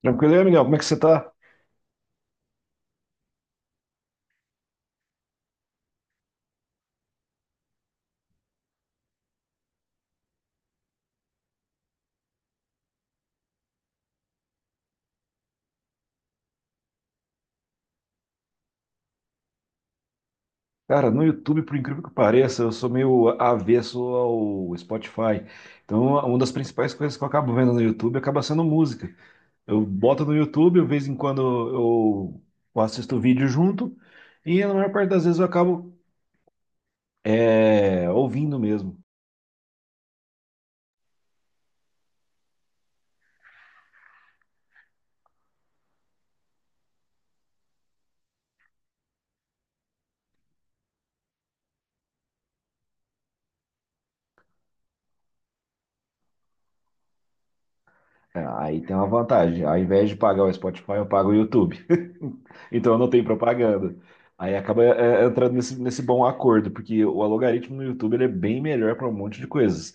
Tranquilo, e aí, Miguel? Como é que você tá? Cara, no YouTube, por incrível que pareça, eu sou meio avesso ao Spotify. Então, uma das principais coisas que eu acabo vendo no YouTube acaba sendo música. Eu boto no YouTube, de vez em quando eu assisto vídeo junto, e na maior parte das vezes eu acabo ouvindo mesmo. É, aí tem uma vantagem. Ao invés de pagar o Spotify, eu pago o YouTube. Então eu não tenho propaganda. Aí acaba entrando nesse bom acordo, porque o algoritmo no YouTube ele é bem melhor para um monte de coisas.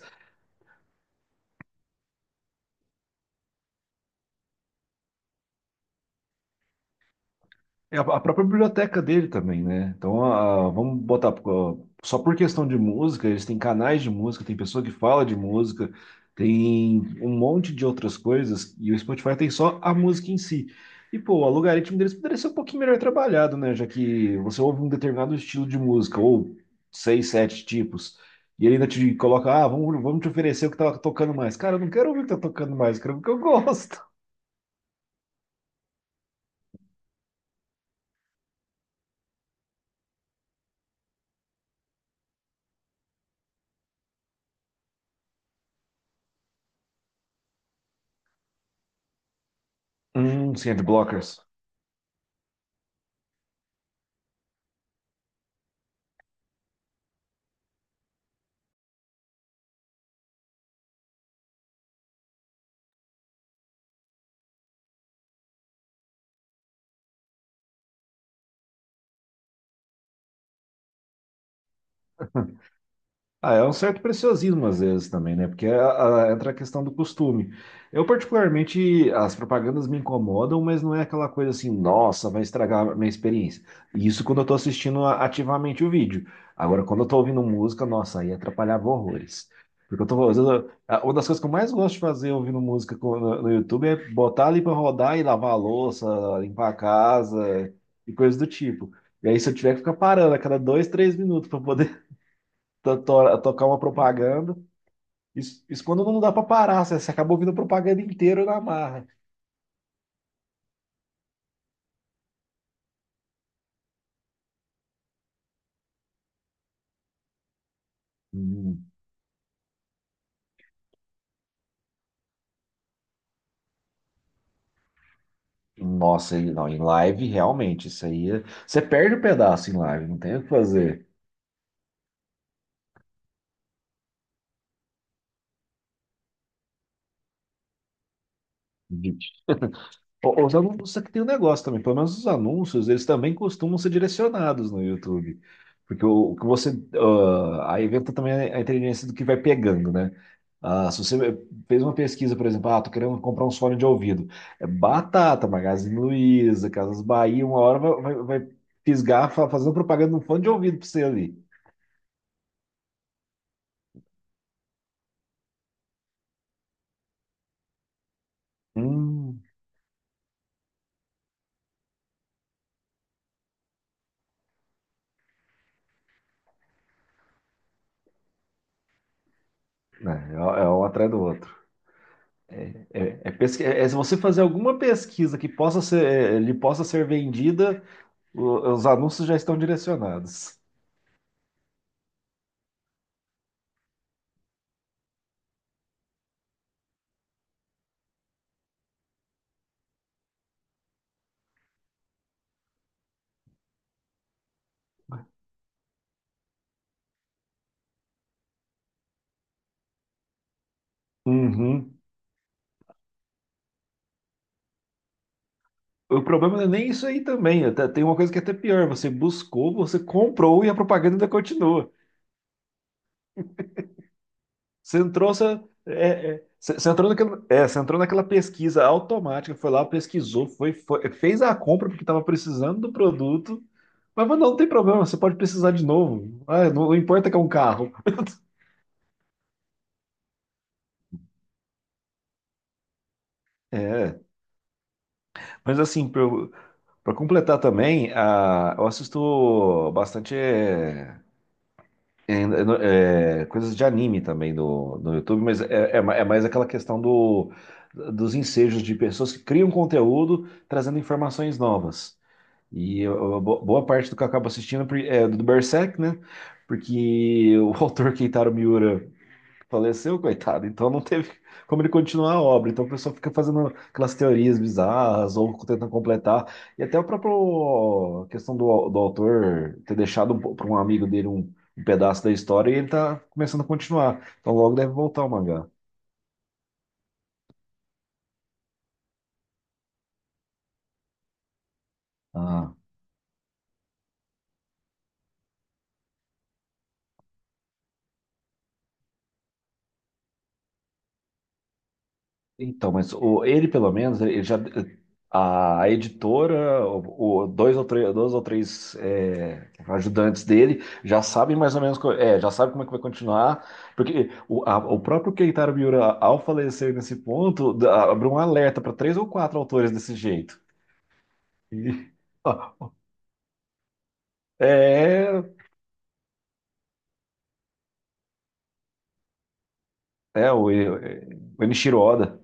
É a própria biblioteca dele também, né? Então, vamos botar, ó, só por questão de música, eles têm canais de música, tem pessoa que fala de música, tem um monte de outras coisas, e o Spotify tem só a música em si. E, pô, o algoritmo deles poderia ser um pouquinho melhor trabalhado, né? Já que você ouve um determinado estilo de música, ou seis, sete tipos, e ele ainda te coloca, ah, vamos te oferecer o que tá tocando mais. Cara, eu não quero ouvir o que tá tocando mais, eu quero ouvir o que eu gosto. Sim, adblockers. Ah, é um certo preciosismo às vezes também, né? Porque entra a questão do costume. Eu, particularmente, as propagandas me incomodam, mas não é aquela coisa assim, nossa, vai estragar a minha experiência. Isso quando eu tô assistindo ativamente o vídeo. Agora, quando eu tô ouvindo música, nossa, aí atrapalhava horrores. Porque eu tô, às vezes, uma das coisas que eu mais gosto de fazer ouvindo música no YouTube é botar ali pra rodar e lavar a louça, limpar a casa e coisas do tipo. E aí, se eu tiver que ficar parando a cada dois, três minutos para poder tocar uma propaganda. Isso quando não dá pra parar, você acaba ouvindo a propaganda inteira na marra. Hum, Nossa, e não, em live realmente, isso aí. Você perde o pedaço em live, não tem o que fazer. Os anúncios aqui tem um negócio também, pelo menos os anúncios, eles também costumam ser direcionados no YouTube. Porque o que você. Ah, aí entra também a inteligência do que vai pegando, né? Ah, se você fez uma pesquisa, por exemplo, ah, tô querendo comprar um fone de ouvido. É batata, Magazine Luiza, Casas Bahia, uma hora vai fisgar fazendo propaganda de um fone de ouvido pra você ali. Hum, né, é um atrás do outro. É, é se você fazer alguma pesquisa que possa ser, é, lhe possa ser vendida. Os anúncios já estão direcionados. Uhum. O problema não é nem isso aí também. Tem uma coisa que é até pior. Você buscou, você comprou e a propaganda ainda continua. Você entrou, você entrou naquela, você entrou naquela pesquisa automática, foi lá, pesquisou, fez a compra porque estava precisando do produto. Mas não tem problema, você pode precisar de novo. Ah, não, não importa que é um carro. É, mas assim, para completar também, ah, eu assisto bastante. É, é, coisas de anime também no YouTube, mas é mais aquela questão do, dos ensejos de pessoas que criam conteúdo trazendo informações novas. E boa parte do que eu acabo assistindo é é do Berserk, né? Porque o autor Keitaro Miura faleceu, coitado. Então não teve como ele continuar a obra. Então o pessoal fica fazendo aquelas teorias bizarras ou tentando completar. E até a própria questão do, do autor ter deixado para um amigo dele um, um pedaço da história e ele tá começando a continuar. Então logo deve voltar o mangá. Ah, então, mas ele, pelo menos, ele já, a editora, dois ou três, ajudantes dele já sabem mais ou menos, já sabe como é que vai continuar, porque o próprio Keitaro Miura, ao falecer nesse ponto, abriu um alerta para três ou quatro autores desse jeito. E, ó, é, é o, é, o Enichiro Oda.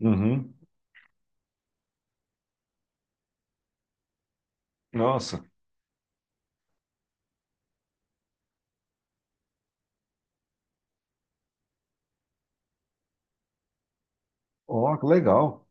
Uhum. Nossa, ó, que legal.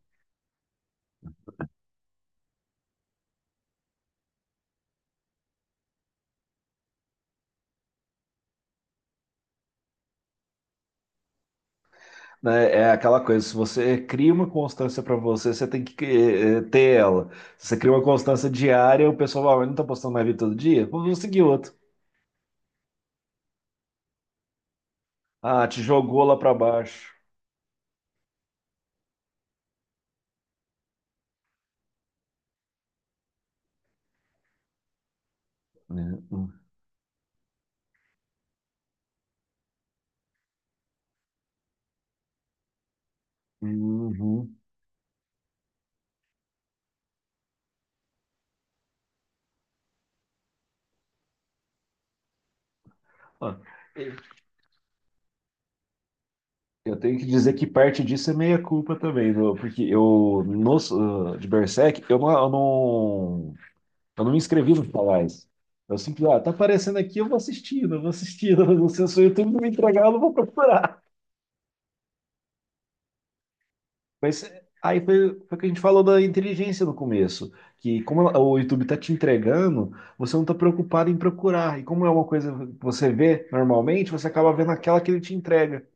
Né, é aquela coisa, se você cria uma constância para você, você tem que ter ela. Se você cria uma constância diária, o pessoal fala, "Ah, mas não tá postando mais vídeo todo dia? Vamos seguir outro." Ah, te jogou lá para baixo. Né? Uhum. Ah, eu tenho que dizer que parte disso é meia culpa também, porque eu, no, de Berserk, eu não me inscrevi no Palais. Eu simplesmente, ah, tá aparecendo aqui, eu vou assistindo, mas não sei se o YouTube não me entregar, eu não vou procurar. Mas aí foi, foi o que a gente falou da inteligência no começo, que como o YouTube está te entregando, você não está preocupado em procurar. E como é uma coisa que você vê normalmente, você acaba vendo aquela que ele te entrega.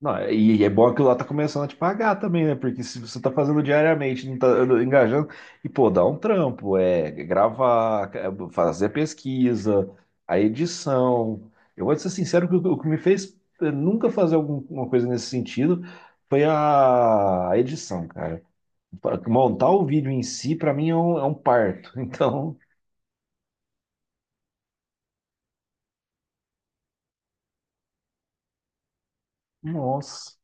Não, e é bom que lá tá começando a te pagar também, né? Porque se você tá fazendo diariamente, não tá engajando, e pô, dá um trampo, é gravar, é fazer a pesquisa, a edição. Eu vou te ser sincero que o que me fez nunca fazer alguma coisa nesse sentido foi a edição, cara. Montar o vídeo em si, pra mim, é um parto. Então, nossa.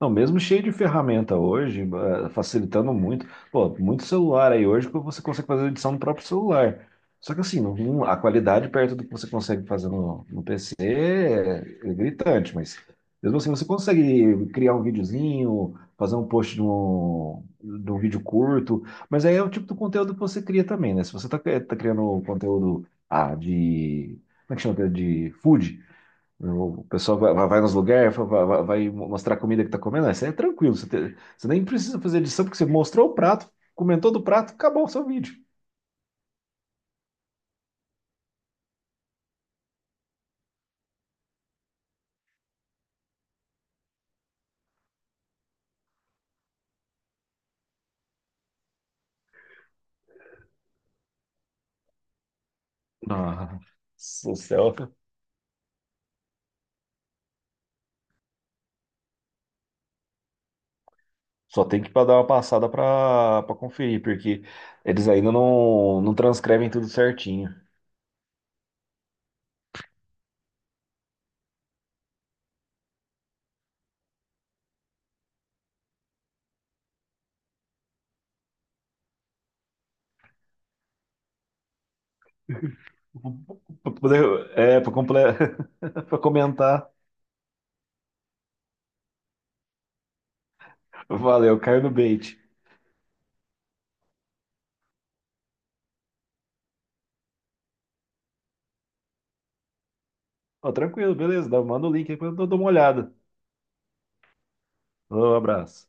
Não, mesmo cheio de ferramenta hoje, facilitando muito. Pô, muito celular aí hoje que você consegue fazer edição no próprio celular. Só que assim, a qualidade perto do que você consegue fazer no PC é, é gritante, mas mesmo assim você consegue criar um videozinho, fazer um post de um vídeo curto, mas aí é o tipo do conteúdo que você cria também, né? Se você tá, tá criando conteúdo, ah, de. Como é que chama, aquele? De food. O pessoal vai, vai nos lugares, vai mostrar a comida que tá comendo. Isso aí é tranquilo. Você nem precisa fazer edição, porque você mostrou o prato, comentou do prato, acabou o seu vídeo. Nossa do céu. Só tem que dar uma passada para pra conferir, porque eles ainda não transcrevem tudo certinho. Pra poder, é, para comple... pra comentar. Valeu, caiu no bait. Ó, tranquilo, beleza. Manda o link aí que eu dou uma olhada. Um abraço.